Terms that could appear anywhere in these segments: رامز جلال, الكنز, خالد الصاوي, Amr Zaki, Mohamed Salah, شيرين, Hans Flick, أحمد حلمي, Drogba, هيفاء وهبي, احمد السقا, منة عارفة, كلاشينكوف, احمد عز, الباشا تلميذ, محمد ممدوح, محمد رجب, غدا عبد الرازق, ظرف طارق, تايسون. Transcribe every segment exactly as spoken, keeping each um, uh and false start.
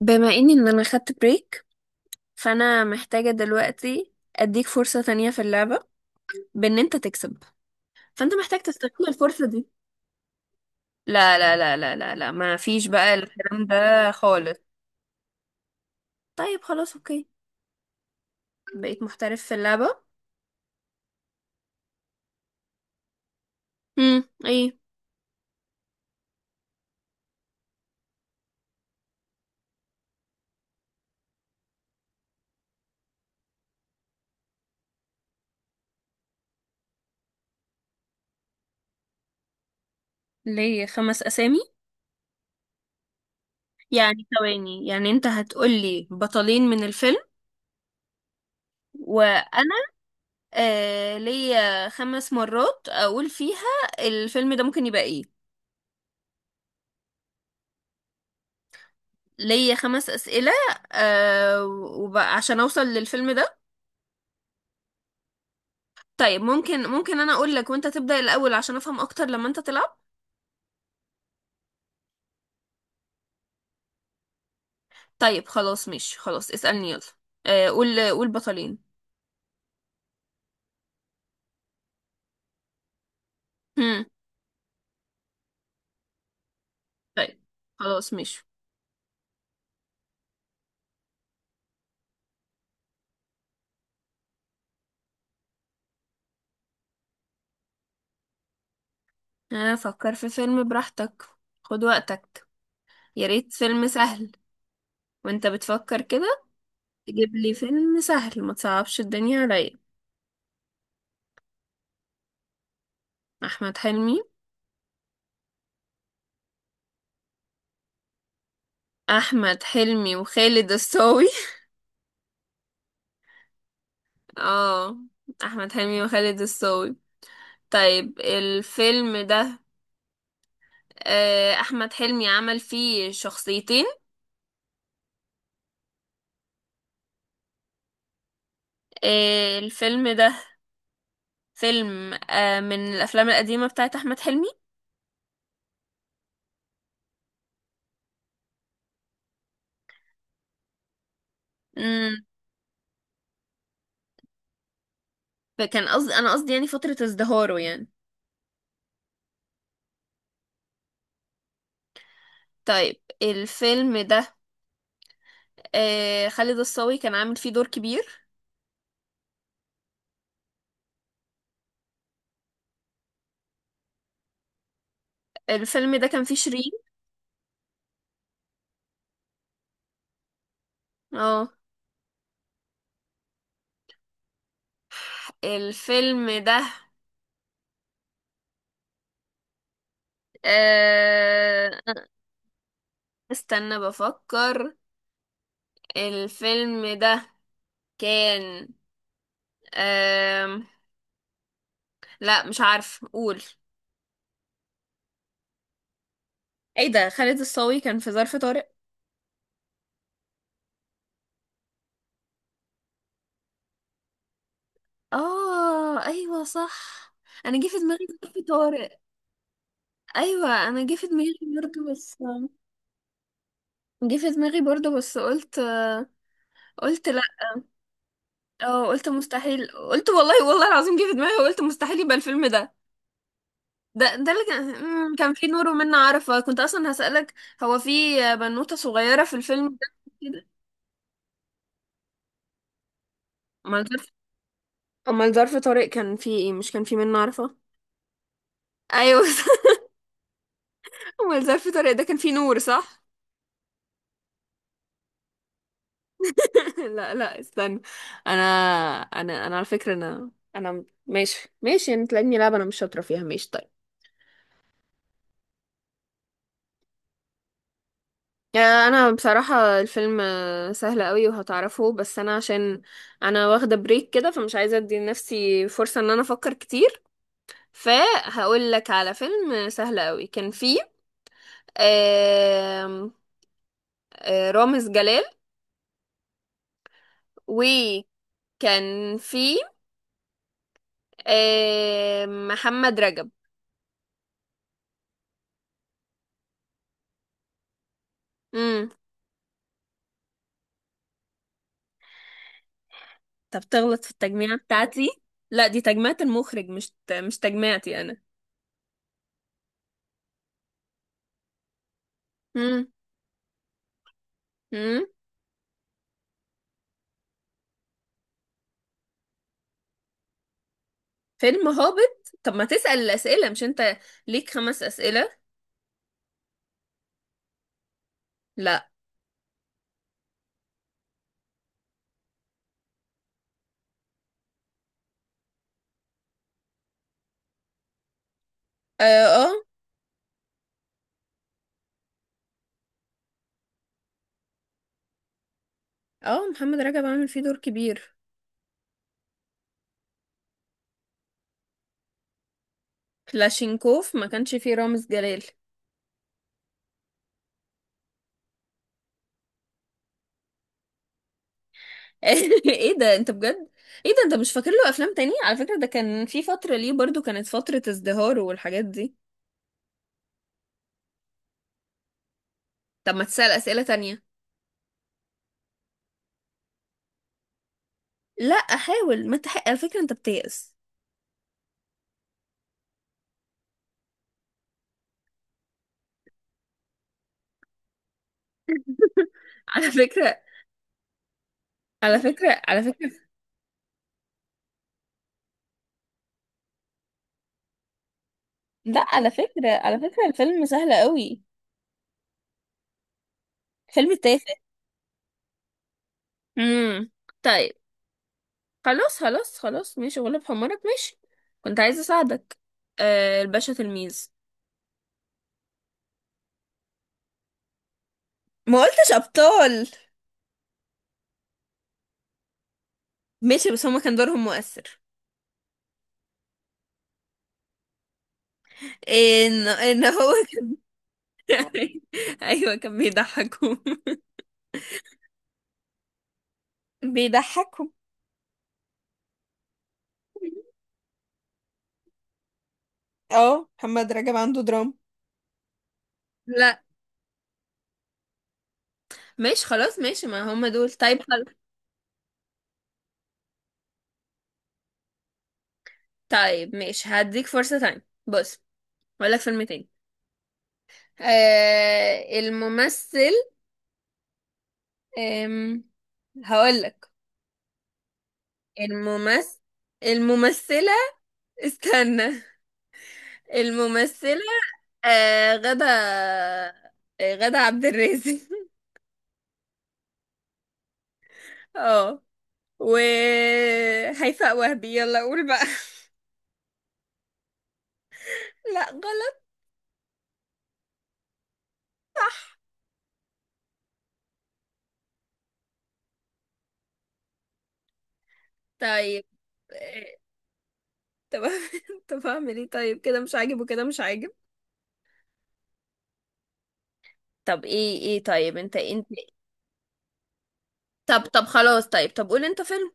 بما اني ان انا خدت بريك، فانا محتاجة دلوقتي اديك فرصة تانية في اللعبة، بان انت تكسب. فانت محتاج تستغل الفرصة دي. لا لا لا لا لا لا، ما فيش بقى الكلام ده خالص. طيب خلاص اوكي. بقيت محترف في اللعبة. امم ايه؟ ليه خمس اسامي؟ يعني ثواني، يعني انت هتقولي بطلين من الفيلم وانا؟ آه، ليا خمس مرات اقول فيها الفيلم ده ممكن يبقى ايه. ليا خمس أسئلة. آه، وبقى عشان أوصل للفيلم ده. طيب ممكن، ممكن أنا أقول لك وأنت تبدأ الأول عشان أفهم أكتر لما أنت تلعب؟ طيب خلاص ماشي، خلاص اسألني يلا. آه، قول قول بطلين. هم. طيب خلاص ماشي. آه، فكر في فيلم براحتك، خد وقتك، يا ريت فيلم سهل. وأنت بتفكر كده تجيب لي فيلم سهل، ما تصعبش الدنيا عليا. أحمد حلمي. أحمد حلمي وخالد الصاوي. اه، أحمد حلمي وخالد الصاوي. طيب الفيلم ده، آه، أحمد حلمي عمل فيه شخصيتين. آه، الفيلم ده فيلم آه، من الأفلام القديمة بتاعت أحمد حلمي. مم. فكان قصدي، أنا قصدي يعني فترة ازدهاره يعني. طيب الفيلم ده، آه، خالد الصاوي كان عامل فيه دور كبير. الفيلم ده كان فيه شيرين. اه. الفيلم ده، آه، استنى بفكر. الفيلم ده كان، لا مش عارف قول. ايه ده، خالد الصاوي كان في ظرف طارق؟ اه ايوه صح، انا جه في دماغي ظرف طارق. ايوه انا جه في دماغي برضه بس، جه في دماغي برضه بس قلت، قلت لا. اه قلت مستحيل، قلت والله والله العظيم جه في دماغي وقلت مستحيل يبقى الفيلم ده. ده ده اللي كان مم، كان فيه نور ومنة عارفة، كنت اصلا هسألك. هو في بنوتة صغيرة في الفيلم ده كده. امال ظرف، امال ظرف طارق كان فيه ايه؟ مش كان فيه منة عارفة؟ ايوه. هو الزرع في طريق ده كان فيه نور صح؟ لا لا استنى، انا، انا انا على فكرة، انا انا ماشي ماشي انت، لاني لعبة انا مش شاطرة فيها. ماشي طيب. آه، انا بصراحة الفيلم آه، سهل قوي وهتعرفه، بس انا عشان انا واخدة بريك كده، فمش عايزة ادي لنفسي فرصة ان انا افكر كتير. فهقول لك على فيلم آه، سهل قوي، كان فيه آم، آه، رامز جلال، وكان فيه آم، محمد رجب. مم. طب تغلط في التجميعة بتاعتي؟ لا دي تجميعة المخرج، مش مش تجميعتي أنا. مم. مم. فيلم هابط؟ طب ما تسأل الأسئلة، مش أنت ليك خمس أسئلة؟ لا. آه آه. آه، محمد رجب عامل فيه دور كبير. كلاشينكوف ما كانش فيه رامز جلال. ايه ده، انت بجد؟ ايه ده، انت مش فاكر له افلام تانية؟ على فكرة ده كان في فترة، ليه برضو كانت فترة ازدهاره والحاجات دي. طب ما تسأل أسئلة تانية. لا احاول، ما تحق، على فكرة انت بتيأس. على فكرة، على فكرة، على فكرة. لا على فكرة، على فكرة الفيلم سهل قوي، فيلم تافه. امم. طيب. خلاص خلاص خلاص ماشي، غلب حمارك ماشي. كنت عايزة اساعدك. آه، الباشا تلميذ. ما قلتش ابطال. ماشي بس هما كان دورهم مؤثر. ان ان هو. ايوه كان بيضحكوا، بيضحكهم. اه، محمد رجب عنده دراما. لا. ماشي خلاص، ماشي، ما هم دول، طيب خلاص. طيب ماشي، هديك فرصة تانية. بص، هقول لك فيلم تاني. آه الممثل، آم، هقولك الممثل، الممثلة. استنى، الممثلة آه، غدا، آه، غدا عبد الرازق. اه، و هيفاء وهبي. يلا قول بقى. لا غلط. طيب آه، طب. طب اعمل ايه؟ طيب كده مش عاجب وكده مش عاجب. طب ايه، ايه، طيب انت انت. طب طب خلاص، طيب طب قول انت فيلم.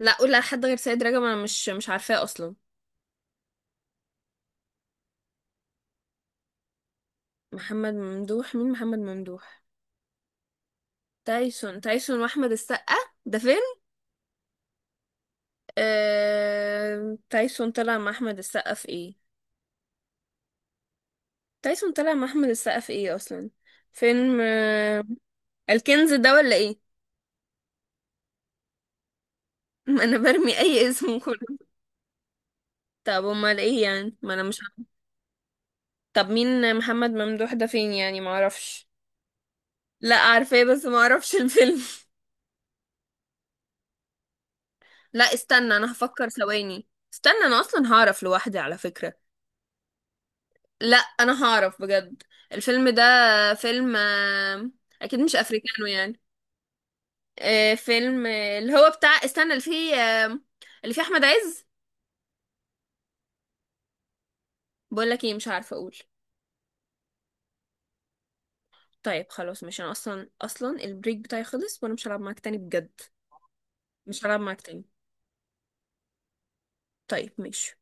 لا قول لحد غير سيد رجب، انا مش مش عارفاه اصلا. محمد ممدوح، مين محمد ممدوح؟ تايسون. تايسون واحمد السقا، ده فيلم؟ آه... تايسون طلع مع احمد السقا في ايه؟ تايسون طلع مع احمد السقا في ايه اصلا؟ فيلم آه... الكنز ده ولا ايه؟ ما انا برمي اي اسم كله. طب امال ايه؟ يعني ما انا مش عارفة. طب مين محمد ممدوح ده؟ فين يعني؟ ما اعرفش. لا عارفاه، بس ما اعرفش الفيلم. لا استنى، انا هفكر ثواني. استنى انا اصلا هعرف لوحدي على فكرة. لا انا هعرف بجد. الفيلم ده فيلم آه، اكيد مش افريكانو يعني. آه، فيلم آه، اللي هو بتاع استنى، اللي فيه آه، اللي فيه احمد عز. بقول لك ايه، مش عارفه اقول. طيب خلاص، مش انا اصلا اصلا البريك بتاعي خلص وانا مش هلعب معاك تاني بجد. مش هلعب معاك تاني. طيب ماشي.